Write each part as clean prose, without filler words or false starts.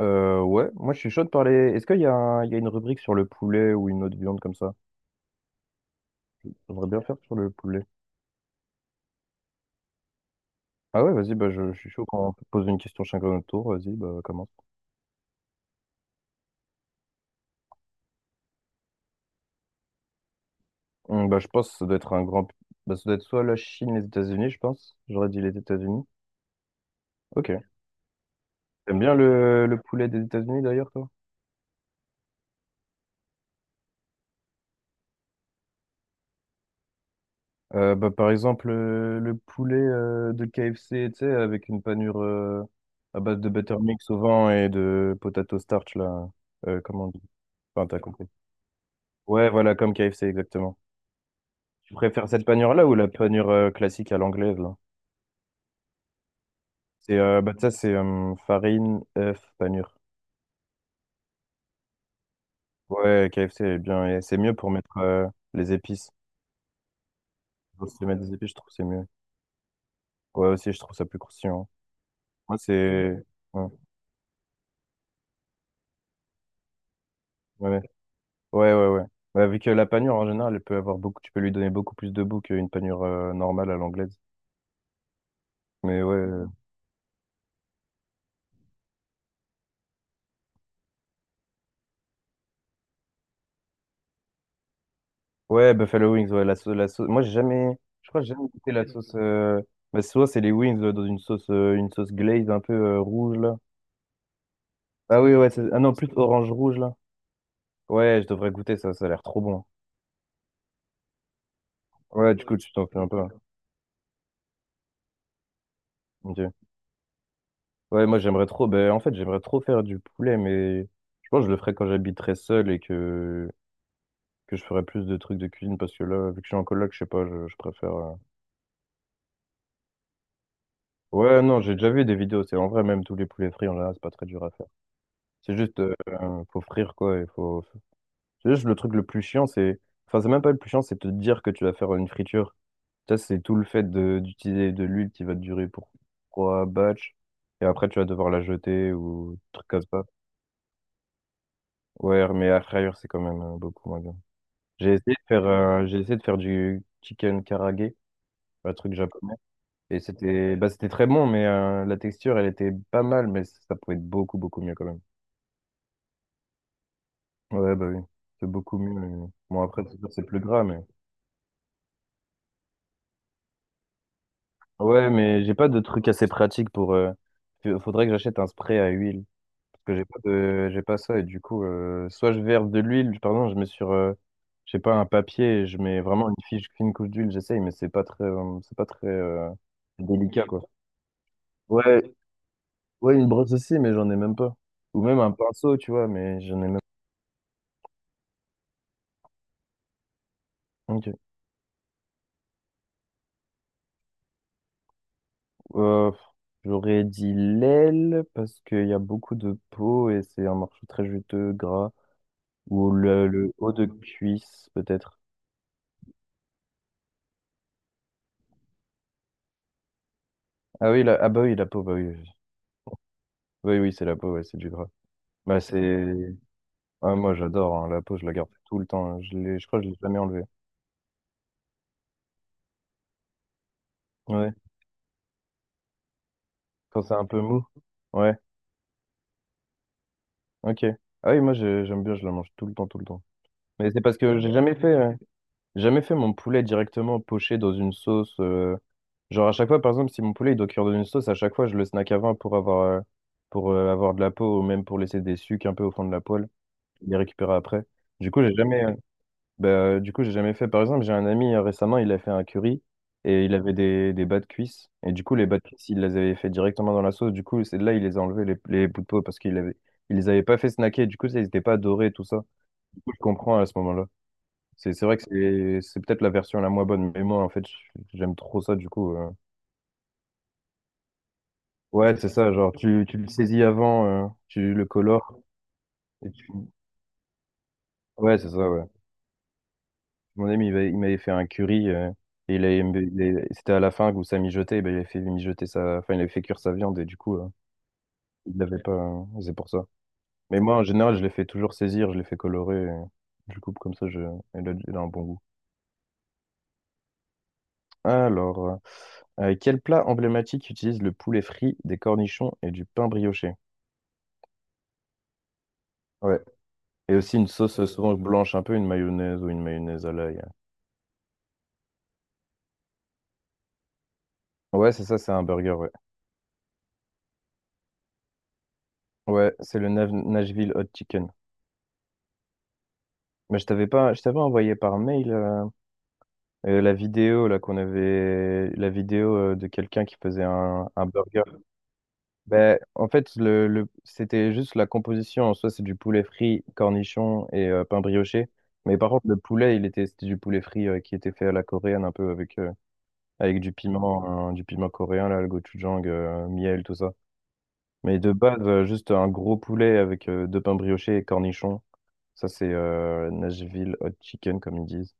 Ouais, moi je suis chaud de parler. Est-ce qu'il y a, il y a une rubrique sur le poulet ou une autre viande comme ça? J'aimerais bien faire sur le poulet. Ah ouais, vas-y, bah, je suis chaud quand on peut poser une question chacun à notre tour. Vas-y, bah, commence. Bah, je pense que ça doit être un grand. Bah, ça doit être soit la Chine, les États-Unis, je pense. J'aurais dit les États-Unis. Ok. T'aimes bien le poulet des États-Unis d'ailleurs, toi? Bah, par exemple, le poulet de KFC, tu sais, avec une panure à base de Buttermix au vent et de potato starch, là. Comment on dit? Enfin, t'as compris. Ouais, voilà, comme KFC, exactement. Tu préfères cette panure-là ou la panure classique à l'anglaise, là? C'est, bah, ça, c'est farine, œuf, panure. Ouais, KFC est bien. Et c'est mieux pour mettre les épices. Pour se mettre des épices, je trouve que c'est mieux. Ouais, aussi, je trouve ça plus croustillant. Moi, c'est. Ouais, ouais, ouais, ouais. Ouais. Ouais, bah, vu que la panure, en général, elle peut avoir beaucoup... tu peux lui donner beaucoup plus de goût qu'une panure normale à l'anglaise. Mais ouais. Ouais, Buffalo Wings, ouais, la sauce, la sauce. Moi, j'ai jamais, je crois que j'ai jamais goûté la sauce. Bah, souvent, c'est les wings dans une sauce glaze un peu rouge, là. Ah oui, ouais, ah non, plus orange-rouge, là. Ouais, je devrais goûter ça, ça a l'air trop bon. Ouais, du coup, tu t'en fais un peu, hein. Ok. Ouais, moi, j'aimerais trop, ben, en fait, j'aimerais trop faire du poulet, mais je pense que je le ferai quand j'habiterai seul et que je ferai plus de trucs de cuisine parce que là, vu que je suis en coloc, je sais pas, je préfère. Ouais, non, j'ai déjà vu des vidéos, c'est en vrai, même tous les poulets frits, en général, c'est pas très dur à faire. C'est juste, faut frire quoi. Il faut... C'est juste le truc le plus chiant, c'est. Enfin, c'est même pas le plus chiant, c'est te dire que tu vas faire une friture. Ça, c'est tout le d'utiliser de, l'huile qui va te durer pour trois batchs. Et après, tu vas devoir la jeter ou des trucs comme ça. Ouais, mais à frire, c'est quand même beaucoup moins bien. J'ai essayé de faire du chicken karage, un truc japonais. C'était très bon, mais la texture, elle était pas mal, mais ça pouvait être beaucoup mieux quand même. Ouais, bah oui, c'est beaucoup mieux. Bon, après, c'est sûr, c'est plus gras, mais. Ouais, mais j'ai pas de truc assez pratique pour. Faudrait que j'achète un spray à huile. Parce que j'ai pas de... j'ai pas ça. Et du coup, soit je verse de l'huile, pardon, je mets sur, je sais pas, un papier et je mets vraiment une fiche, une couche d'huile, j'essaye, mais c'est pas très délicat, quoi. Ouais, ouais, une brosse aussi, mais j'en ai même pas. Ou même un pinceau, tu vois, mais j'en ai même Ok. Euh, j'aurais dit l'aile parce qu'il y a beaucoup de peau et c'est un morceau très juteux, gras. Ou le haut de cuisse, peut-être. Ah oui, la... ah bah oui, la peau, bah oui. Oui, oui, oui, c'est la peau, ouais, c'est du gras. Bah c'est. Ah, moi j'adore, hein, la peau, je la garde tout le temps, hein. Je l'ai... je crois que je l'ai jamais enlevée. Ouais. Quand c'est un peu mou. Ouais, ok. Ah oui, j'aime bien, je la mange tout le temps, tout le temps. Mais c'est parce que j'ai jamais fait mon poulet directement poché dans une sauce. Genre à chaque fois, par exemple, si mon poulet il doit cuire dans une sauce, à chaque fois je le snack avant pour avoir de la peau ou même pour laisser des sucs un peu au fond de la poêle, les récupérer après. Du coup, j'ai jamais, bah du coup, j'ai jamais fait. Par exemple, j'ai un ami récemment, il a fait un curry et il avait des bas de cuisse. Et du coup, les bas de cuisse, il les avait fait directement dans la sauce. Du coup, c'est de là, il les a enlevés, les bouts de peau, parce qu'il avait, il les avait pas fait snacker. Du coup, ça, ils étaient pas dorés, tout ça. Je comprends à ce moment-là. C'est vrai que c'est peut-être la version la moins bonne. Mais moi, en fait, j'aime trop ça, du coup. Ouais, c'est ça. Genre, tu le saisis avant, tu le colores. Et tu... Ouais, c'est ça, ouais. Mon ami, il m'avait fait un curry. Et c'était à la fin que ça mijotait. Ben, il avait fait mijoter sa, enfin, il avait fait cuire sa viande. Et du coup, il l'avait pas. Euh, c'est pour ça. Mais moi, en général, je les fais toujours saisir. Je les fais colorer. Euh, je le coupe comme ça. Il a, elle a un bon goût. Alors, quel plat emblématique utilise le poulet frit, des cornichons et du pain brioché? Ouais. Et aussi une sauce souvent blanche, un peu une mayonnaise ou une mayonnaise à l'ail. Ouais, c'est ça, c'est un burger, ouais. Ouais, c'est le Nashville Hot Chicken. Mais je t'avais pas, je t'avais envoyé par mail la vidéo là qu'on avait, la vidéo de quelqu'un qui faisait un burger. Ben, en fait, c'était juste la composition en soi, c'est du poulet frit, cornichon et pain brioché. Mais par contre, le poulet, c'était du poulet frit qui était fait à la coréenne un peu avec, avec du piment, hein, du piment coréen là, le gochujang, miel, tout ça. Mais de base, juste un gros poulet avec deux pains briochés et cornichons. Ça, c'est Nashville hot chicken comme ils disent.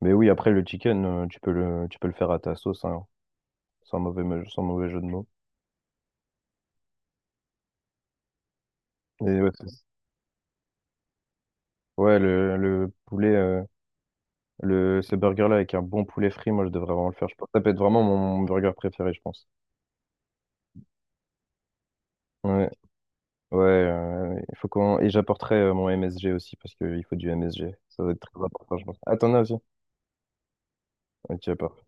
Mais oui, après le chicken, tu peux le faire à ta sauce, hein. Sans sans mauvais jeu de mots. Et ouais, le poulet, ce burger-là avec un bon poulet frit, moi je devrais vraiment le faire. Je pense. Ça peut être vraiment mon burger préféré, je pense. Ouais, ouais, il faut qu'on... Et j'apporterai mon MSG aussi, parce qu'il faut du MSG. Ça va être très important, je pense. Ah, t'en as aussi? Ok, parfait.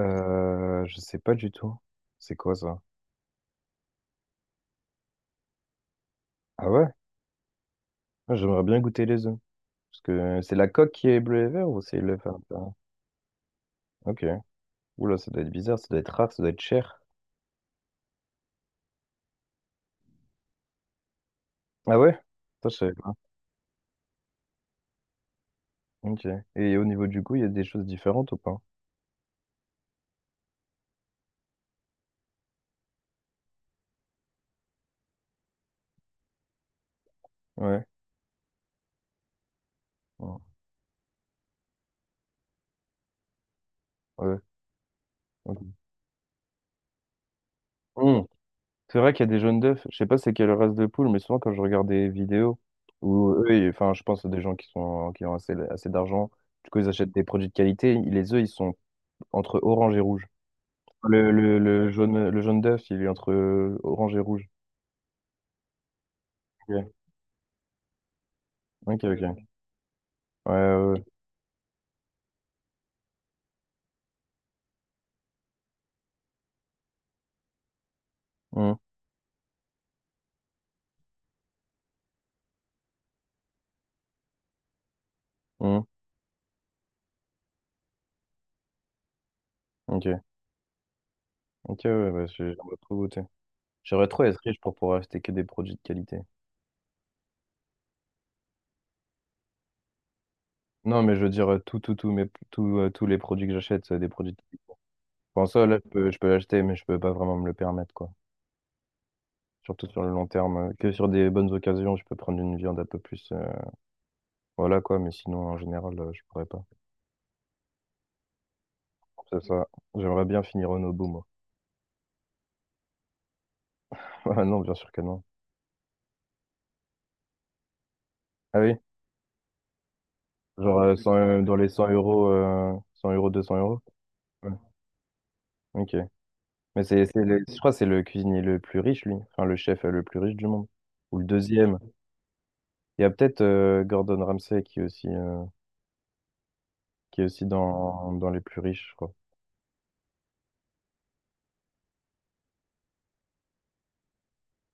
Je sais pas du tout. C'est quoi ça? Ah ouais? Ah, j'aimerais bien goûter les œufs. Parce que c'est la coque qui est bleu et vert ou c'est le... Ok. Oula, ça doit être bizarre, ça doit être rare, ça doit être cher. Ah ouais? Ça, je savais pas. Ok. Et au niveau du goût, il y a des choses différentes ou pas? Ouais. Ouais. Ouais. Ok. Hmm. C'est vrai qu'il y a des jaunes d'œufs. Je sais pas c'est quelle race de poule, mais souvent quand je regarde des vidéos où enfin, je pense à des gens qui sont qui ont assez d'argent, du coup ils achètent des produits de qualité. Les œufs, ils sont entre orange et rouge. Le jaune d'œuf, il est entre orange et rouge. Ok, ok. Ok. Ouais, ouais. Ouais. Hmm. Hmm. Ok. Ok, ouais, ouais, j'aimerais trop goûter. J'aimerais trop être riche pour pouvoir acheter que des produits de qualité. Non, mais je veux dire, tout, tous les produits que j'achète, c'est des produits typiques. Enfin, ça, là, je peux l'acheter, mais je peux pas vraiment me le permettre, quoi. Surtout sur le long terme. Euh, que sur des bonnes occasions, je peux prendre une viande un peu plus. Euh, voilà, quoi. Mais sinon, en général, je pourrais pas. C'est ça. J'aimerais bien finir au Nobu, moi. Ah non, bien sûr que non. Ah oui? Genre, 100, dans les 100 euros, 100 euros, 200 euros? Ouais. Ok. Mais c'est le- je crois que c'est le cuisinier le plus riche, lui. Enfin, le chef le plus riche du monde. Ou le deuxième. Il y a peut-être Gordon Ramsay qui est aussi. Euh, qui est aussi dans, dans les plus riches, je crois.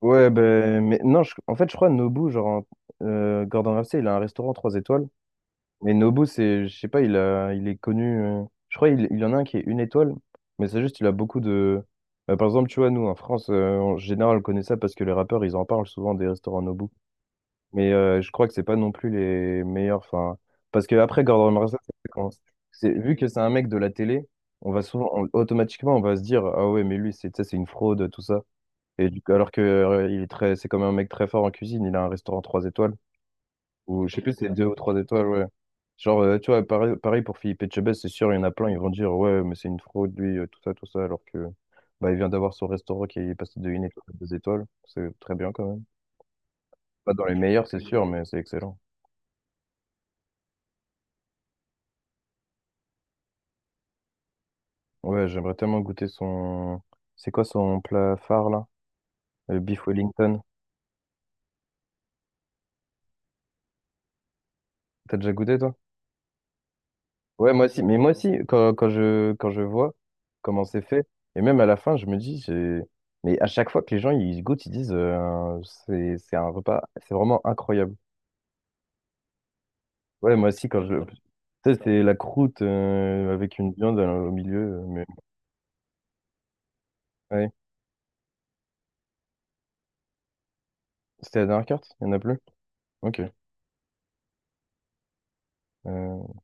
Ouais, ben, mais non, je- en fait, je crois Nobu, genre, Gordon Ramsay, il a un restaurant 3 étoiles. Mais Nobu, c'est, je sais pas, il est connu. Euh, je crois il y en a un qui est une étoile, mais c'est juste, il a beaucoup de. Bah, par exemple, tu vois, nous, en France, en général, on connaît ça parce que les rappeurs, ils en parlent souvent des restaurants Nobu. Mais je crois que c'est pas non plus les meilleurs. Enfin, parce que après, Gordon Ramsay, vu que c'est un mec de la télé, on va souvent, automatiquement, on va se dire, ah ouais, mais lui, c'est, tu sais, c'est une fraude, tout ça. Et du coup, alors que il est très, c'est comme un mec très fort en cuisine, il a un restaurant 3 étoiles, ou je sais plus, c'est 2 ou 3 étoiles, ouais. Genre, tu vois, pareil pour Philippe Etchebest, c'est sûr, il y en a plein, ils vont dire, ouais, mais c'est une fraude, lui, tout ça, alors que bah, il vient d'avoir son restaurant qui est passé de une étoile à 2 étoiles, c'est très bien quand même. Pas dans les meilleurs, c'est sûr, mais c'est excellent. Ouais, j'aimerais tellement goûter son. C'est quoi son plat phare là? Le beef Wellington. T'as déjà goûté toi? Ouais, moi aussi. Mais moi aussi, quand je vois comment c'est fait, et même à la fin, je me dis, j'ai... mais à chaque fois que les gens ils goûtent, ils disent, c'est un repas, c'est vraiment incroyable. Ouais, moi aussi, quand je. Tu sais, c'est la croûte avec une viande au milieu. Euh, mais... Ouais. C'était la dernière carte? Il n'y en a plus? Ok. Euh,